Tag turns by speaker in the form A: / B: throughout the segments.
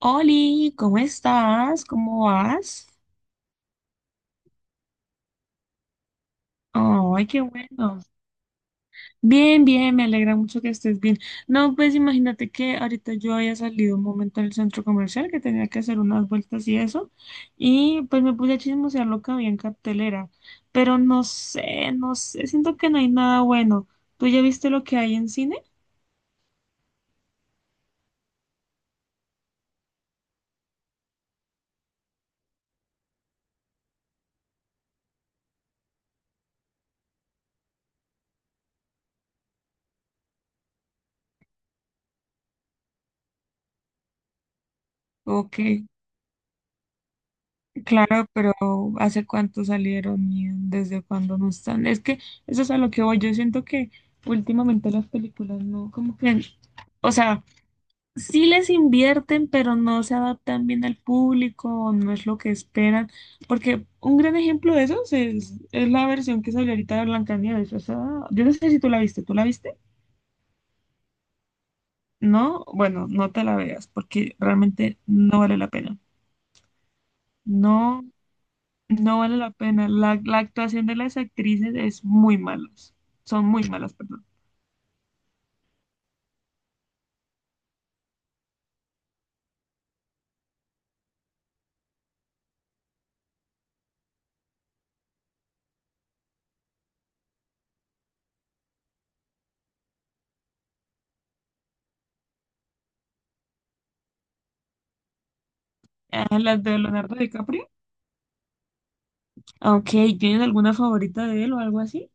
A: Oli, ¿cómo estás? ¿Cómo vas? Ay, qué bueno. Bien, bien, me alegra mucho que estés bien. No, pues imagínate que ahorita yo había salido un momento al centro comercial que tenía que hacer unas vueltas y eso, y pues me puse a chismosear lo que había en cartelera, pero no sé, siento que no hay nada bueno. ¿Tú ya viste lo que hay en cine? Ok. Claro, pero ¿hace cuánto salieron y desde cuándo no están? Es que eso es a lo que voy. Yo siento que últimamente las películas no, como que, o sea, sí les invierten, pero no se adaptan bien al público, no es lo que esperan. Porque un gran ejemplo de eso es la versión que salió ahorita de Blancanieves. O sea, yo no sé si tú la viste, ¿tú la viste? No, bueno, no te la veas porque realmente no vale la pena. No. No vale la pena. La actuación de las actrices es muy malas. Son muy malas, perdón. Ah, las de Leonardo DiCaprio. Ok, ¿tienes alguna favorita de él o algo así?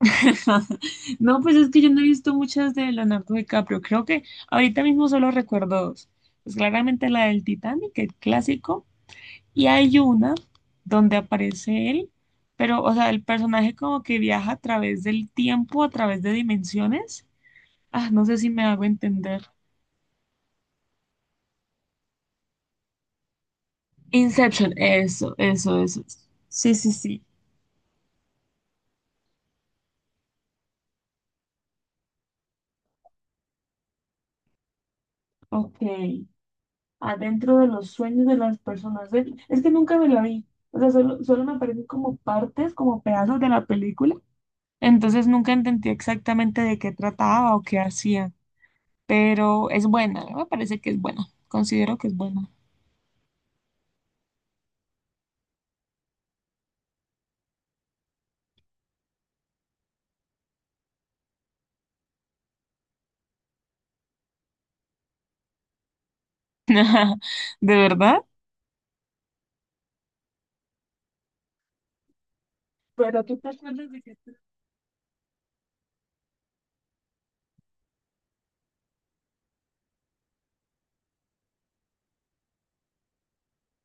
A: No, pues es que yo no he visto muchas de Leonardo DiCaprio. Creo que ahorita mismo solo recuerdo dos. Pues claramente la del Titanic, el clásico, y hay una donde aparece él, pero, o sea, el personaje como que viaja a través del tiempo, a través de dimensiones. Ah, no sé si me hago entender. Inception, eso. Sí, sí, sí. Ok. Adentro de los sueños de las personas. Ve, es que nunca me la vi. O sea, solo me aparecen como partes, como pedazos de la película. Entonces nunca entendí exactamente de qué trataba o qué hacía. Pero es buena, ¿no? Me parece que es buena. Considero que es buena. ¿De verdad? Pero tú te acuerdas de qué tra-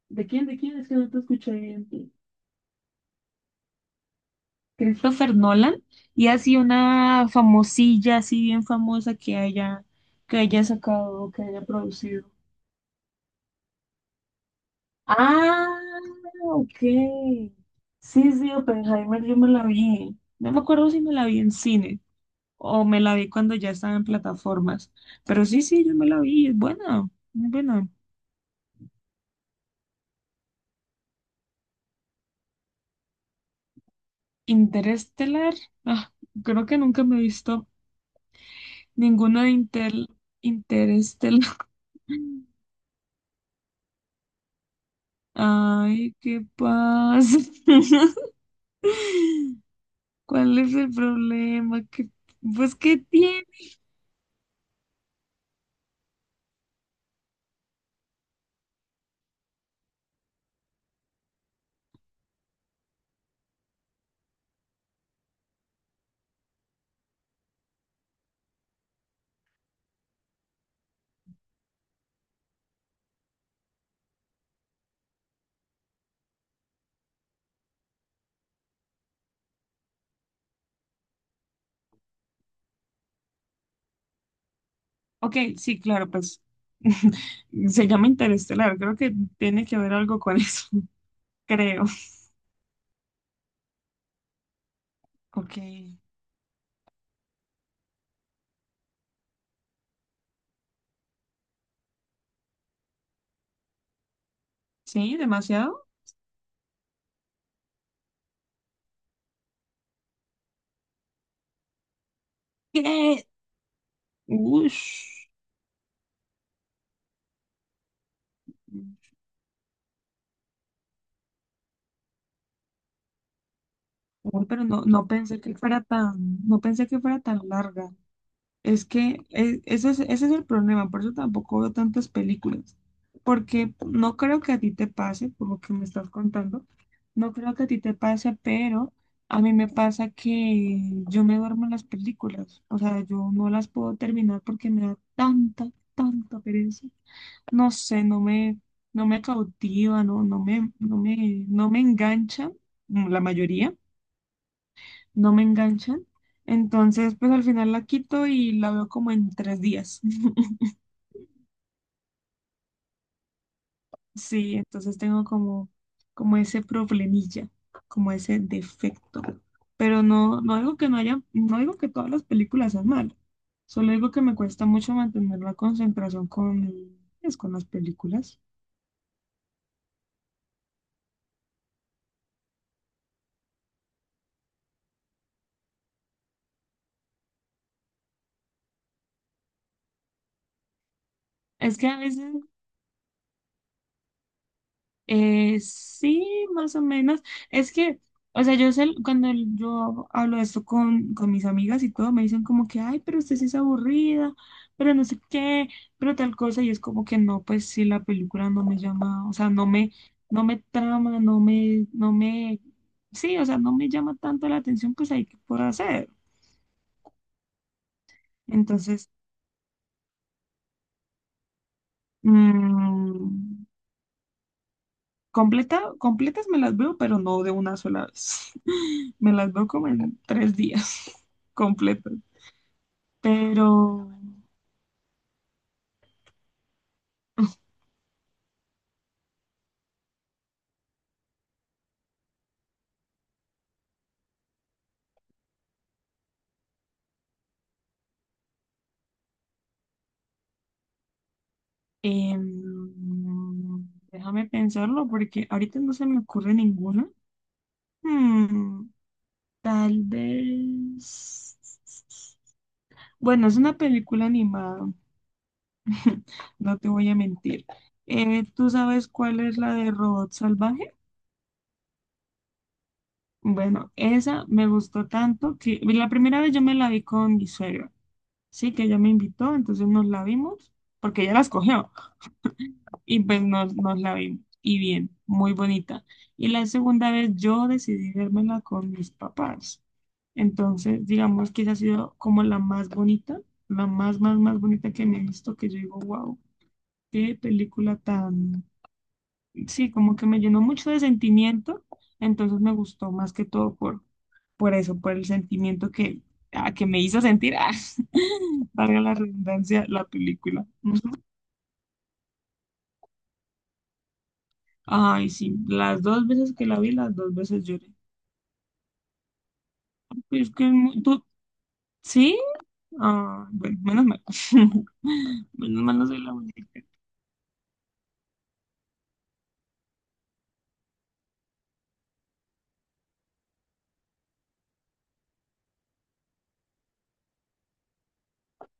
A: ¿De quién? ¿De quién? Es que no te escuché bien. Christopher Nolan y así una famosilla, así bien famosa que haya sacado, que haya producido. Ah, ok. Sí, sí, Oppenheimer, yo me la vi. No me acuerdo si me la vi en cine o me la vi cuando ya estaba en plataformas. Pero sí, sí, yo me la vi. Es buena, muy buena. Interestelar. Ah, creo que nunca me he visto ninguna de Interestelar. Ay, ¿qué pasa? ¿Cuál es el problema? ¿Qué- pues, ¿qué tiene? Ok, sí, claro, pues se llama Interestelar. Creo que tiene que ver algo con eso, creo. Ok, sí, demasiado. ¿Qué? Ush. Uy, pero no, no pensé que fuera tan, no pensé que fuera tan larga. Es que ese es el problema, por eso tampoco veo tantas películas, porque no creo que a ti te pase, por lo que me estás contando, no creo que a ti te pase, pero a mí me pasa que yo me duermo en las películas, o sea, yo no las puedo terminar porque me da tanta, tanta pereza. No sé, no me cautiva, no me engancha, la mayoría no me enganchan. Entonces, pues al final la quito y la veo como en tres días. Sí, entonces tengo como, como ese problemilla, como ese defecto. Pero no, no digo que no haya, no digo que todas las películas sean malas. Solo digo que me cuesta mucho mantener la concentración con, pues, con las películas. Es que a veces sí, más o menos. Es que, o sea, yo sé, cuando yo hablo de esto con mis amigas y todo, me dicen como que, ay, pero usted sí es aburrida, pero no sé qué, pero tal cosa, y es como que no, pues sí, la película no me llama, o sea, no me trama, no me, no me, sí, o sea, no me llama tanto la atención, pues hay que por hacer. Entonces, mm, completa, completas me las veo, pero no de una sola vez. Me las veo como en tres días completas. Pero em, déjame pensarlo porque ahorita no se me ocurre ninguna. Hmm, tal vez. Bueno, es una película animada, no te voy a mentir. ¿Tú sabes cuál es la de Robot Salvaje? Bueno, esa me gustó tanto que la primera vez yo me la vi con mi suegra, sí, que ella me invitó, entonces nos la vimos porque ella la escogió. Y pues nos la vimos. Y bien, muy bonita. Y la segunda vez yo decidí vérmela con mis papás. Entonces, digamos que esa ha sido como la más bonita, la más bonita que me he visto, que yo digo, wow, qué película tan... Sí, como que me llenó mucho de sentimiento, entonces me gustó más que todo por eso, por el sentimiento que, ah, que me hizo sentir, ah, valga la redundancia, la película. Ay, sí, las dos veces que la vi, las dos veces lloré. Pero es que es muy- ¿Tú? ¿Sí? Ah, bueno, menos mal. Menos mal no soy la única.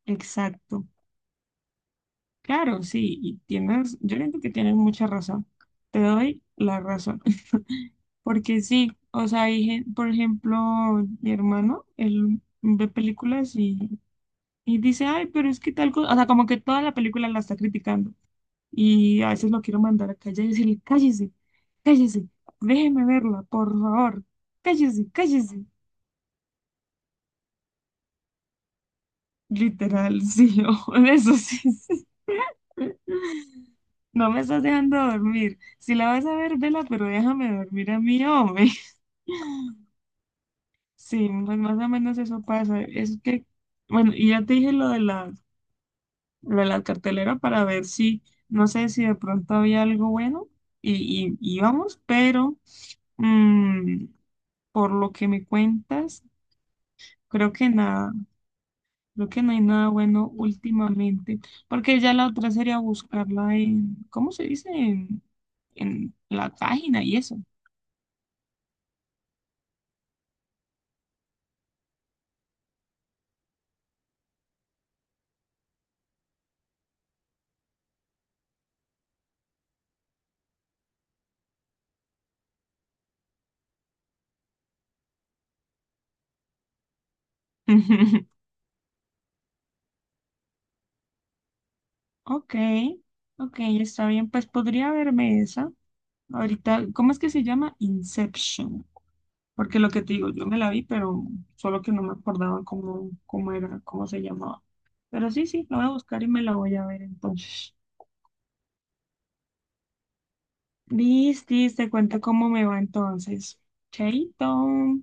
A: Exacto. Claro, sí, y tienes, yo creo que tienes mucha razón. Te doy la razón. Porque sí, o sea, hay gen- por ejemplo, mi hermano, él ve películas y dice, ay, pero es que tal cosa, o sea, como que toda la película la está criticando. Y a veces lo quiero mandar a callar y decirle, cállese, cállese, déjeme verla, por favor, cállese, cállese. Literal, sí, o eso sí, sí. No me estás dejando dormir. Si la vas a ver, vela, pero déjame dormir a mí, hombre. Sí, pues más o menos eso pasa. Es que, bueno, y ya te dije lo de la cartelera para ver si, no sé si de pronto había algo bueno y vamos, pero mm, por lo que me cuentas, creo que nada, creo que no hay nada bueno últimamente, porque ya la otra sería buscarla en, ¿cómo se dice? En la página y eso. Ok, ok, está bien, pues podría verme esa. Ahorita, ¿cómo es que se llama? Inception. Porque lo que te digo, yo me la vi, pero solo que no me acordaba cómo, cómo era, cómo se llamaba. Pero sí, sí, la voy a buscar y me la voy a ver entonces. Listis, te cuento cómo me va entonces. Chaito.